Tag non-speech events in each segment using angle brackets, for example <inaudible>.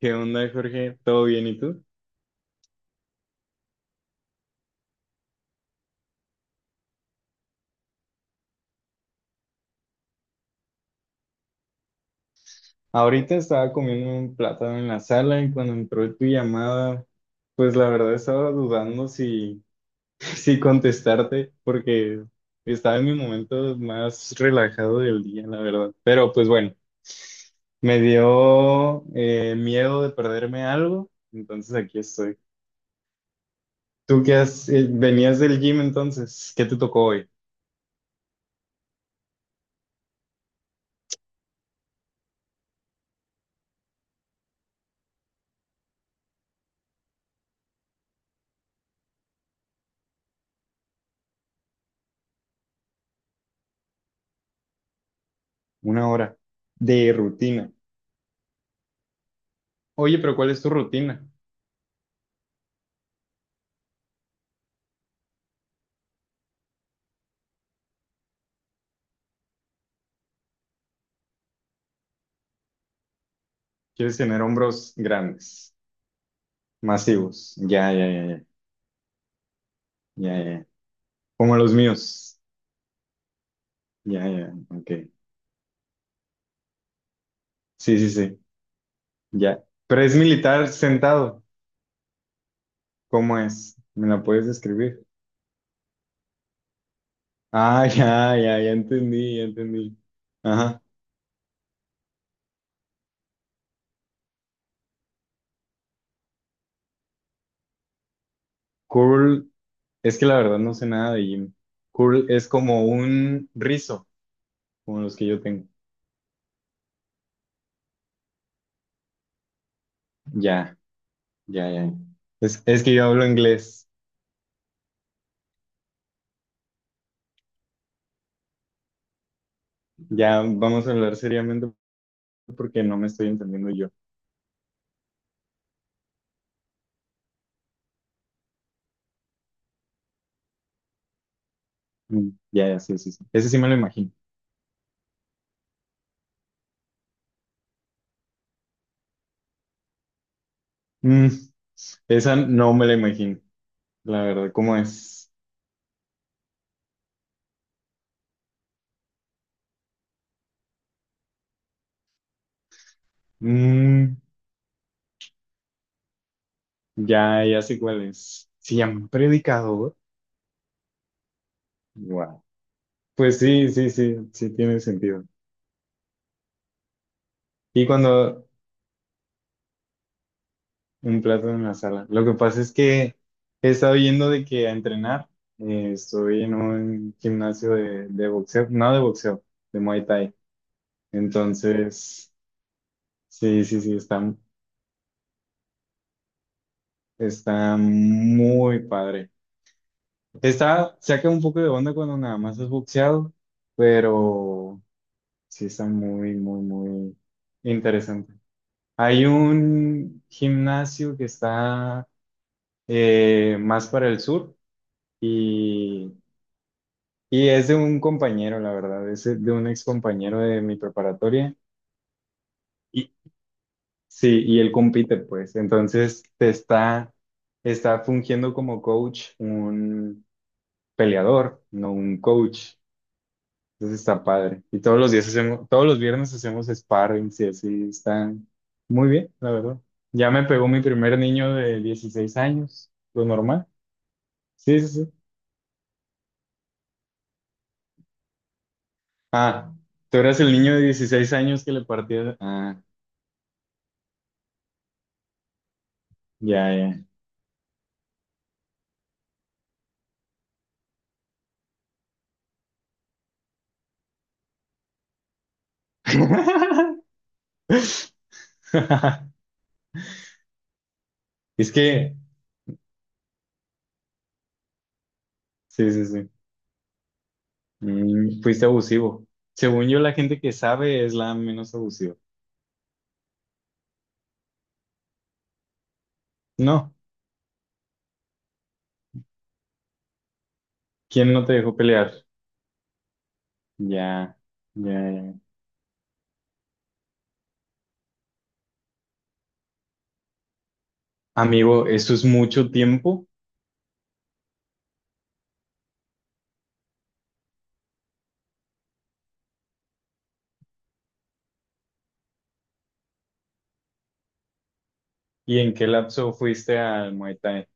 ¿Qué onda, Jorge? ¿Todo bien? ¿Y tú? Ahorita estaba comiendo un plátano en la sala y cuando entró tu llamada, pues la verdad estaba dudando si, <laughs> si contestarte porque estaba en mi momento más relajado del día, la verdad. Pero pues bueno, me dio miedo de perderme algo, entonces aquí estoy. ¿Tú venías del gym entonces? ¿Qué te tocó hoy? 1 hora de rutina. Oye, pero ¿cuál es tu rutina? ¿Quieres tener hombros grandes? Masivos. Ya, ya, ya, ya, ya, ya. Como los míos. Ya, ya, ok. Sí, sí, sí, ya. Pero es militar sentado. ¿Cómo es? ¿Me la puedes describir? Ah, <laughs> ya, ya, ya entendí, ya entendí. Ajá. Curl, es que la verdad no sé nada de gym. Curl es como un rizo, como los que yo tengo. Ya, ya, ya. Es que yo hablo inglés. Ya vamos a hablar seriamente porque no me estoy entendiendo yo. Mm, ya, ya, sí, sí, sí. Ese sí me lo imagino. Mm, esa no me la imagino, la verdad, ¿cómo es? Mm, ya, ya sé cuál es. Se llama predicador. Wow. Pues sí, sí, sí, sí tiene sentido. Y cuando un plato en la sala. Lo que pasa es que he estado yendo de que a entrenar. Eh, estoy en un gimnasio de boxeo, no de boxeo, de Muay Thai. Entonces, sí, sí, sí, está, está muy padre. Está, saca un poco de onda cuando nada más es boxeado, pero sí está muy, muy, muy interesante. Hay un gimnasio que está más para el sur y, y es de un compañero, la verdad, es de un ex compañero de mi preparatoria. Y sí, y él compite, pues. Entonces te está, está fungiendo como coach un peleador, no un coach. Entonces está padre. Y todos los días hacemos, todos los viernes hacemos sparrings y así están muy bien, la verdad. Ya me pegó mi primer niño de 16 años, lo normal. Sí, sí, sí. Ah, tú eras el niño de 16 años que le partía. Ah, ya, ya. <laughs> <laughs> Es que, sí, sí, sí. Mm, fuiste abusivo. Según yo, la gente que sabe es la menos abusiva. No, ¿quién no te dejó pelear? Ya, ya, ya. Amigo, eso es mucho tiempo. ¿Y en qué lapso fuiste al Muay Thai?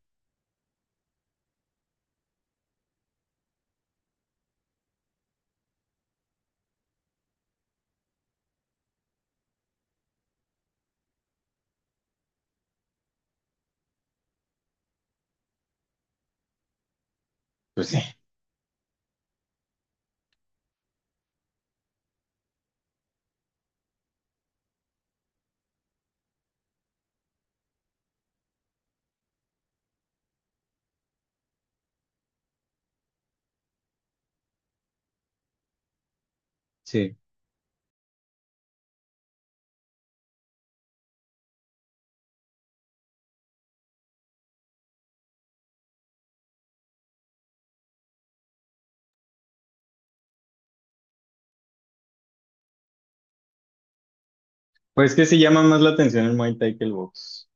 Pues sí, sí, pues que sí llama más la atención el Muay Thai que el box.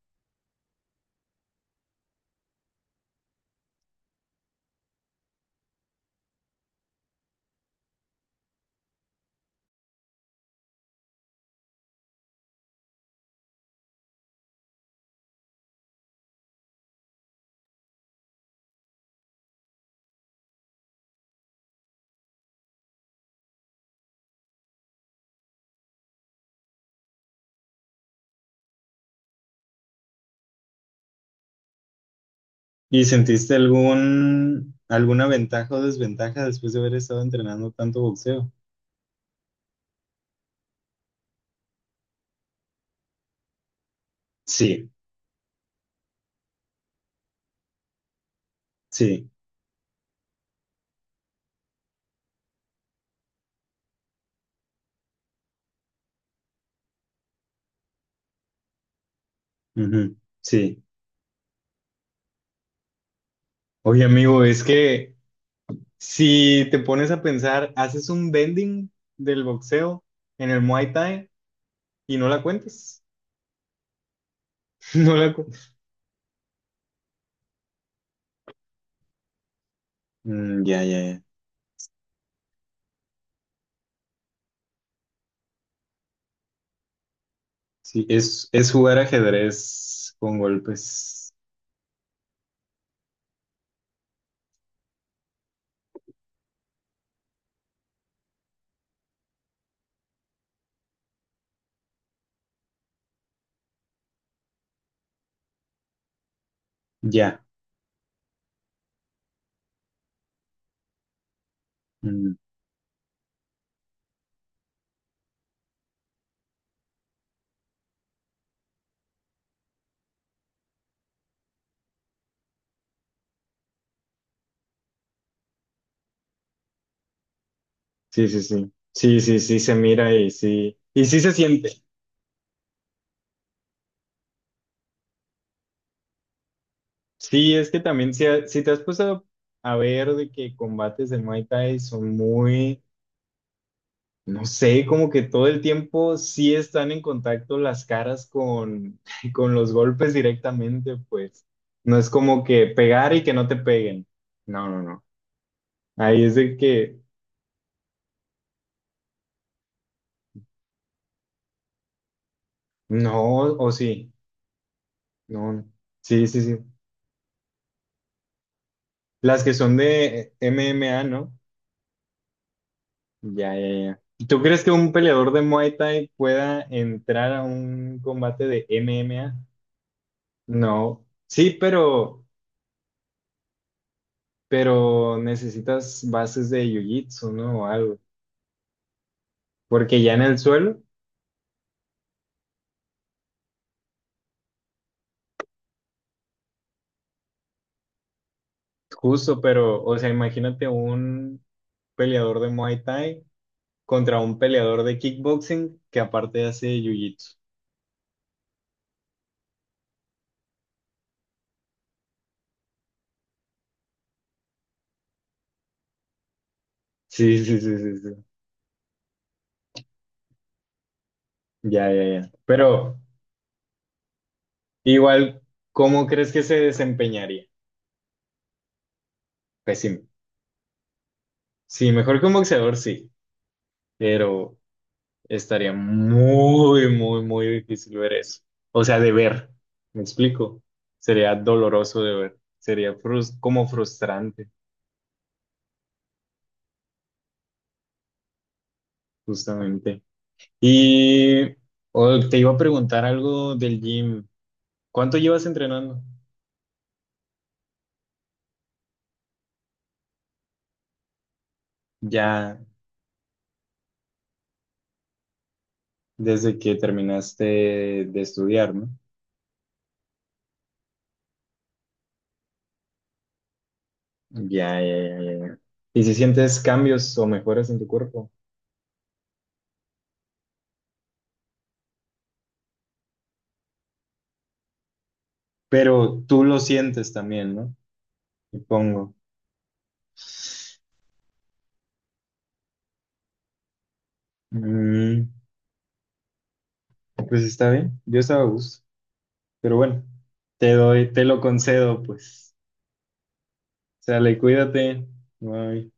¿Y sentiste alguna ventaja o desventaja después de haber estado entrenando tanto boxeo? Sí, sí, ujú, sí. Oye, amigo, es que si te pones a pensar, haces un bending del boxeo en el Muay Thai y no la cuentas. <laughs> No la cu- Mm, ya, ya, ya. Sí, es jugar ajedrez con golpes. Ya. Sí, sí, sí. Sí, sí, sí, se mira y sí. Y sí se siente. Sí, es que también si, si te has puesto a ver de que combates de Muay Thai son muy, no sé, como que todo el tiempo sí están en contacto las caras con, <laughs> con los golpes directamente, pues. No es como que pegar y que no te peguen. No, no, no. Ahí es de que no, o sí. No. Sí, sí, sí. Las que son de MMA, ¿no? Ya, ya, ya. ¿Tú crees que un peleador de Muay Thai pueda entrar a un combate de MMA? No. Sí, pero necesitas bases de Jiu-Jitsu, ¿no? O algo. Porque ya en el suelo, justo, pero, o sea, imagínate un peleador de Muay Thai contra un peleador de kickboxing que aparte hace Jiu-Jitsu. Sí, sí, sí, sí, sí. Ya, ya, ya. Pero igual, ¿cómo crees que se desempeñaría? Pésimo. Sí, mejor que un boxeador, sí, pero estaría muy, muy, muy difícil ver eso. O sea, de ver, ¿me explico? Sería doloroso de ver, sería como frustrante, justamente. Y oh, te iba a preguntar algo del gym. ¿Cuánto llevas entrenando? Ya desde que terminaste de estudiar, ¿no? Ya, ya, ya, ya, ya. ¿Y si sientes cambios o mejoras en tu cuerpo? Pero tú lo sientes también, ¿no? Supongo. Mm, pues está bien, yo estaba a gusto, pero bueno, te doy, te lo concedo, pues. Sale, cuídate. Bye.